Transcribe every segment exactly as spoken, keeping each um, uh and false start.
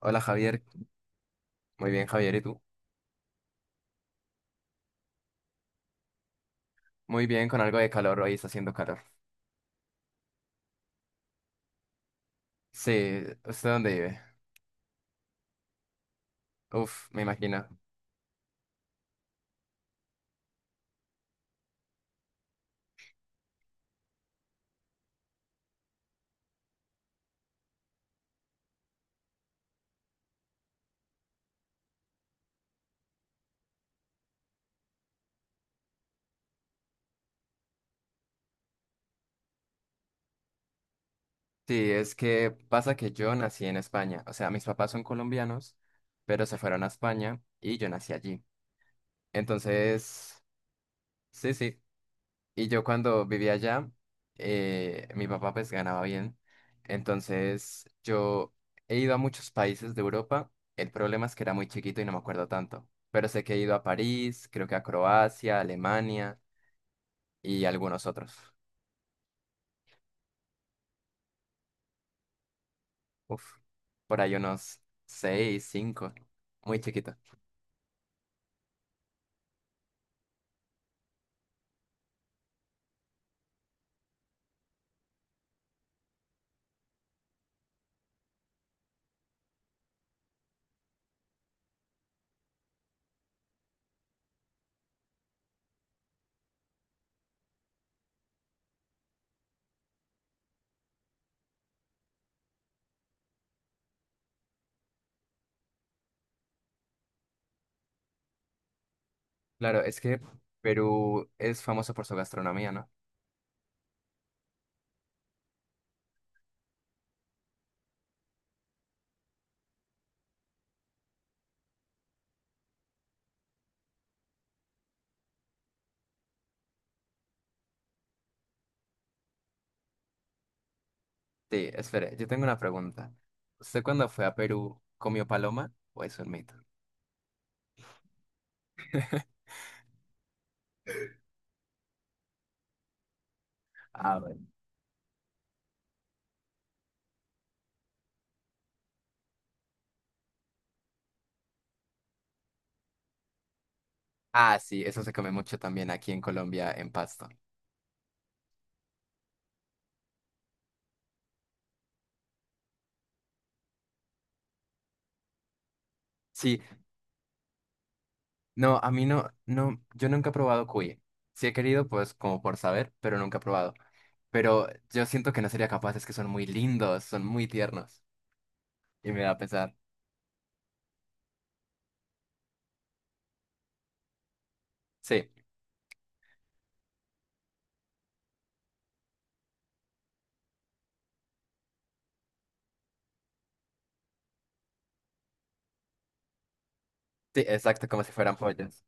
Hola Javier, muy bien Javier, ¿y tú? Muy bien, con algo de calor, hoy está haciendo calor. Sí, ¿usted dónde vive? Uf, me imagino. Sí, es que pasa que yo nací en España, o sea, mis papás son colombianos, pero se fueron a España y yo nací allí. Entonces, sí, sí. Y yo cuando vivía allá, eh, mi papá pues ganaba bien. Entonces yo he ido a muchos países de Europa. El problema es que era muy chiquito y no me acuerdo tanto. Pero sé que he ido a París, creo que a Croacia, Alemania y algunos otros. Uf, por ahí unos seis, cinco. Muy chiquito. Claro, es que Perú es famoso por su gastronomía, ¿no? Sí, espere, yo tengo una pregunta. ¿Usted cuando fue a Perú comió paloma o es un mito? Ah, ah, sí, eso se come mucho también aquí en Colombia, en Pasto. Sí, no, a mí no, no, yo nunca he probado cuy. Sí he querido, pues, como por saber, pero nunca he probado. Pero yo siento que no sería capaz, es que son muy lindos, son muy tiernos. Y me da pesar. Sí, sí, exacto, como si fueran pollos.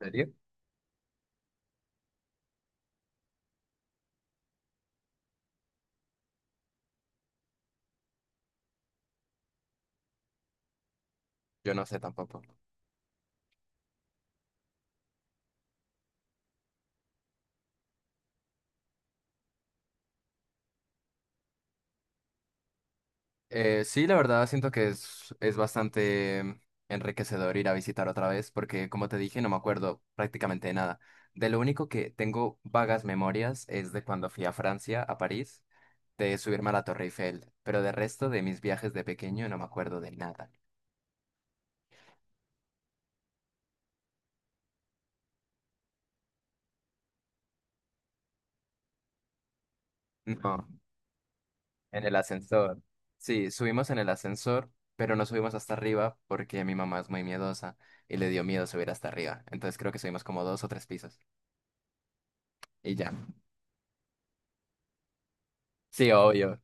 ¿En serio? Yo no sé tampoco. Eh, sí, la verdad siento que es, es bastante enriquecedor ir a visitar otra vez porque, como te dije, no me acuerdo prácticamente de nada. De lo único que tengo vagas memorias es de cuando fui a Francia, a París, de subirme a la Torre Eiffel, pero de resto de mis viajes de pequeño no me acuerdo de nada. No, en el ascensor. Sí, subimos en el ascensor, pero no subimos hasta arriba porque mi mamá es muy miedosa y le dio miedo subir hasta arriba. Entonces creo que subimos como dos o tres pisos y ya. Sí, obvio.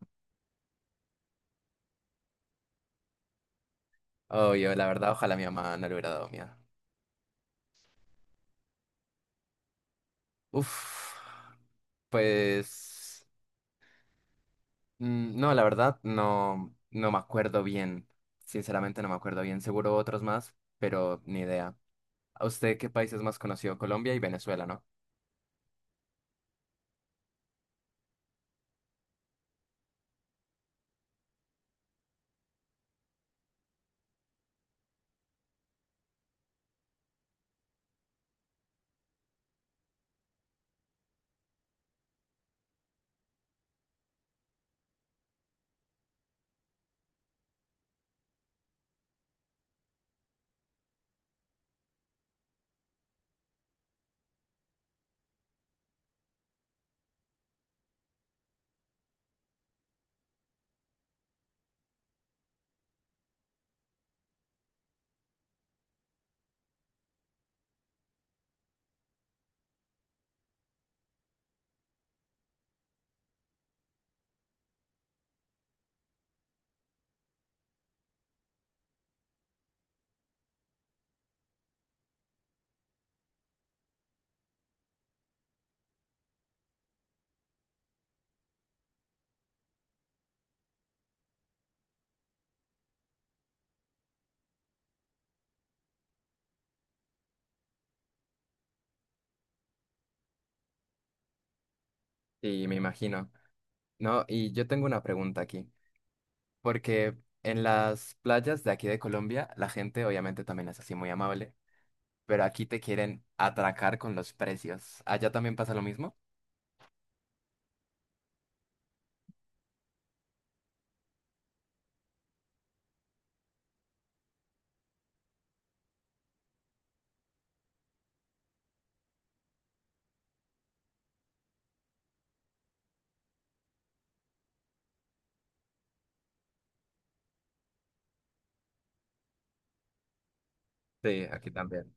Oh, yo la verdad, ojalá mi mamá no le hubiera dado miedo. Uf, pues, mm, no, la verdad, no, no me acuerdo bien. Sinceramente no me acuerdo bien. Seguro otros más, pero ni idea. ¿A usted qué país es más conocido? Colombia y Venezuela, ¿no? Sí, me imagino. No, y yo tengo una pregunta aquí. Porque en las playas de aquí de Colombia, la gente obviamente también es así muy amable, pero aquí te quieren atracar con los precios. ¿Allá también pasa lo mismo? Sí, aquí también.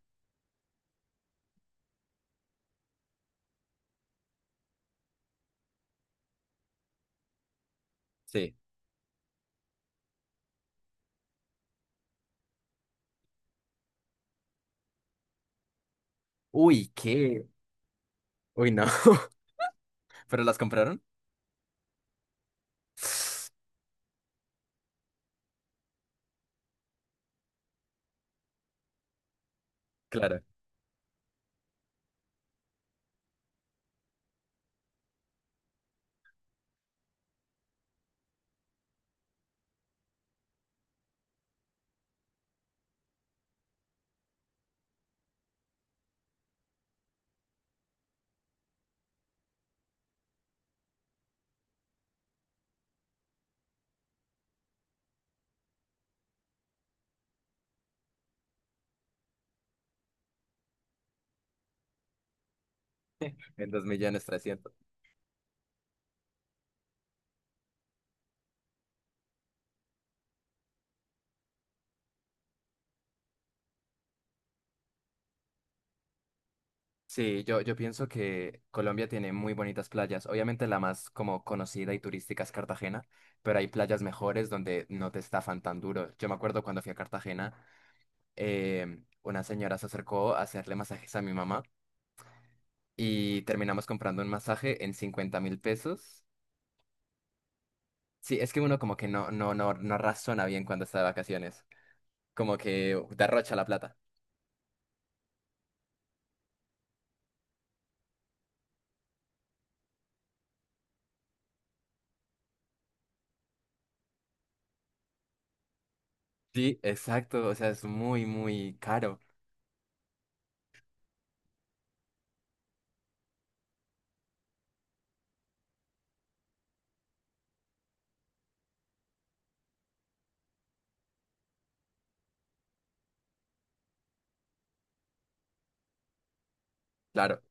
Sí. Uy, qué. Uy, no. ¿Pero las compraron? Claro, en dos millones trescientos. Sí, yo, yo pienso que Colombia tiene muy bonitas playas. Obviamente la más como conocida y turística es Cartagena, pero hay playas mejores donde no te estafan tan duro. Yo me acuerdo cuando fui a Cartagena, em, una señora se acercó a hacerle masajes a mi mamá y terminamos comprando un masaje en cincuenta mil pesos. Sí, es que uno como que no, no, no, no razona bien cuando está de vacaciones, como que derrocha la plata. Sí, exacto, o sea, es muy, muy caro. Claro,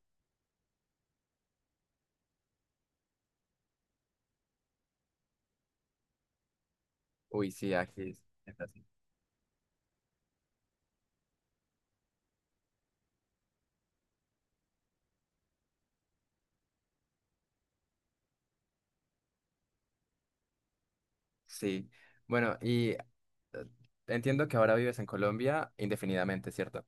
uy, sí, aquí es, es así. Sí, bueno, y eh, entiendo que ahora vives en Colombia indefinidamente, ¿cierto?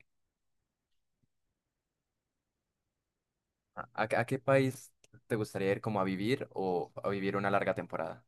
¿A, a qué a qué país te gustaría ir como a vivir o a vivir una larga temporada?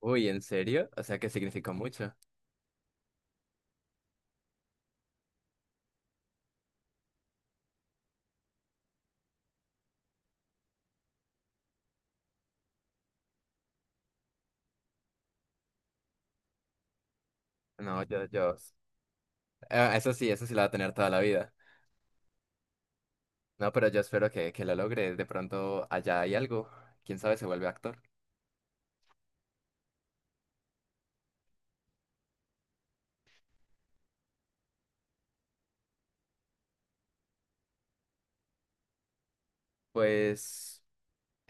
Uy, ¿en serio? O sea, que significó mucho. No, yo, yo, eh, eso sí, eso sí la va a tener toda la vida. No, pero yo espero que, que lo logre. De pronto allá hay algo. ¿Quién sabe, se vuelve actor? Pues,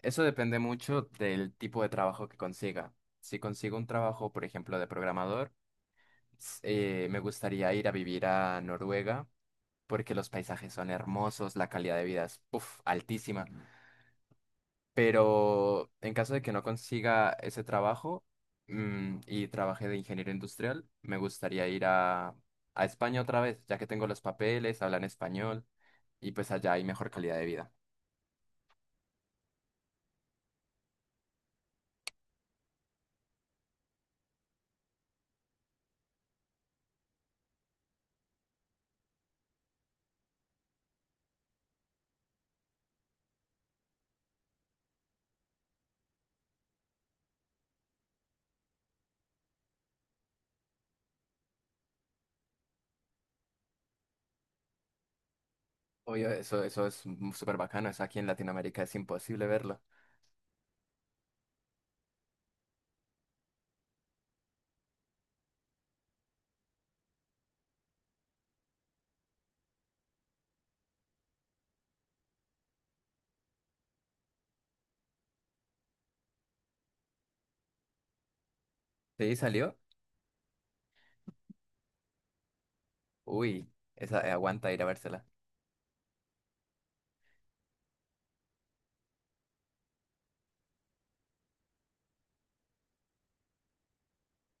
eso depende mucho del tipo de trabajo que consiga. Si consigo un trabajo, por ejemplo, de programador, s- eh, me gustaría ir a vivir a Noruega porque los paisajes son hermosos, la calidad de vida es puf, altísima. Pero en caso de que no consiga ese trabajo mm, y trabaje de ingeniero industrial, me gustaría ir a, a, España otra vez, ya que tengo los papeles, hablan español y pues allá hay mejor calidad de vida. Oye, eso, eso es m- súper bacano, eso aquí en Latinoamérica es imposible verlo. ¿Sí salió? Uy, esa, eh, aguanta ir a vérsela.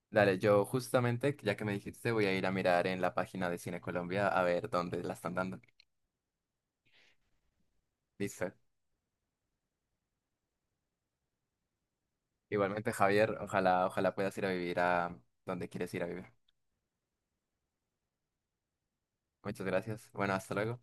Dale, yo justamente, ya que me dijiste, voy a ir a mirar en la página de Cine Colombia a ver dónde la están dando. Listo. Igualmente, Javier, ojalá, ojalá puedas ir a vivir a donde quieres ir a vivir. Muchas gracias. Bueno, hasta luego.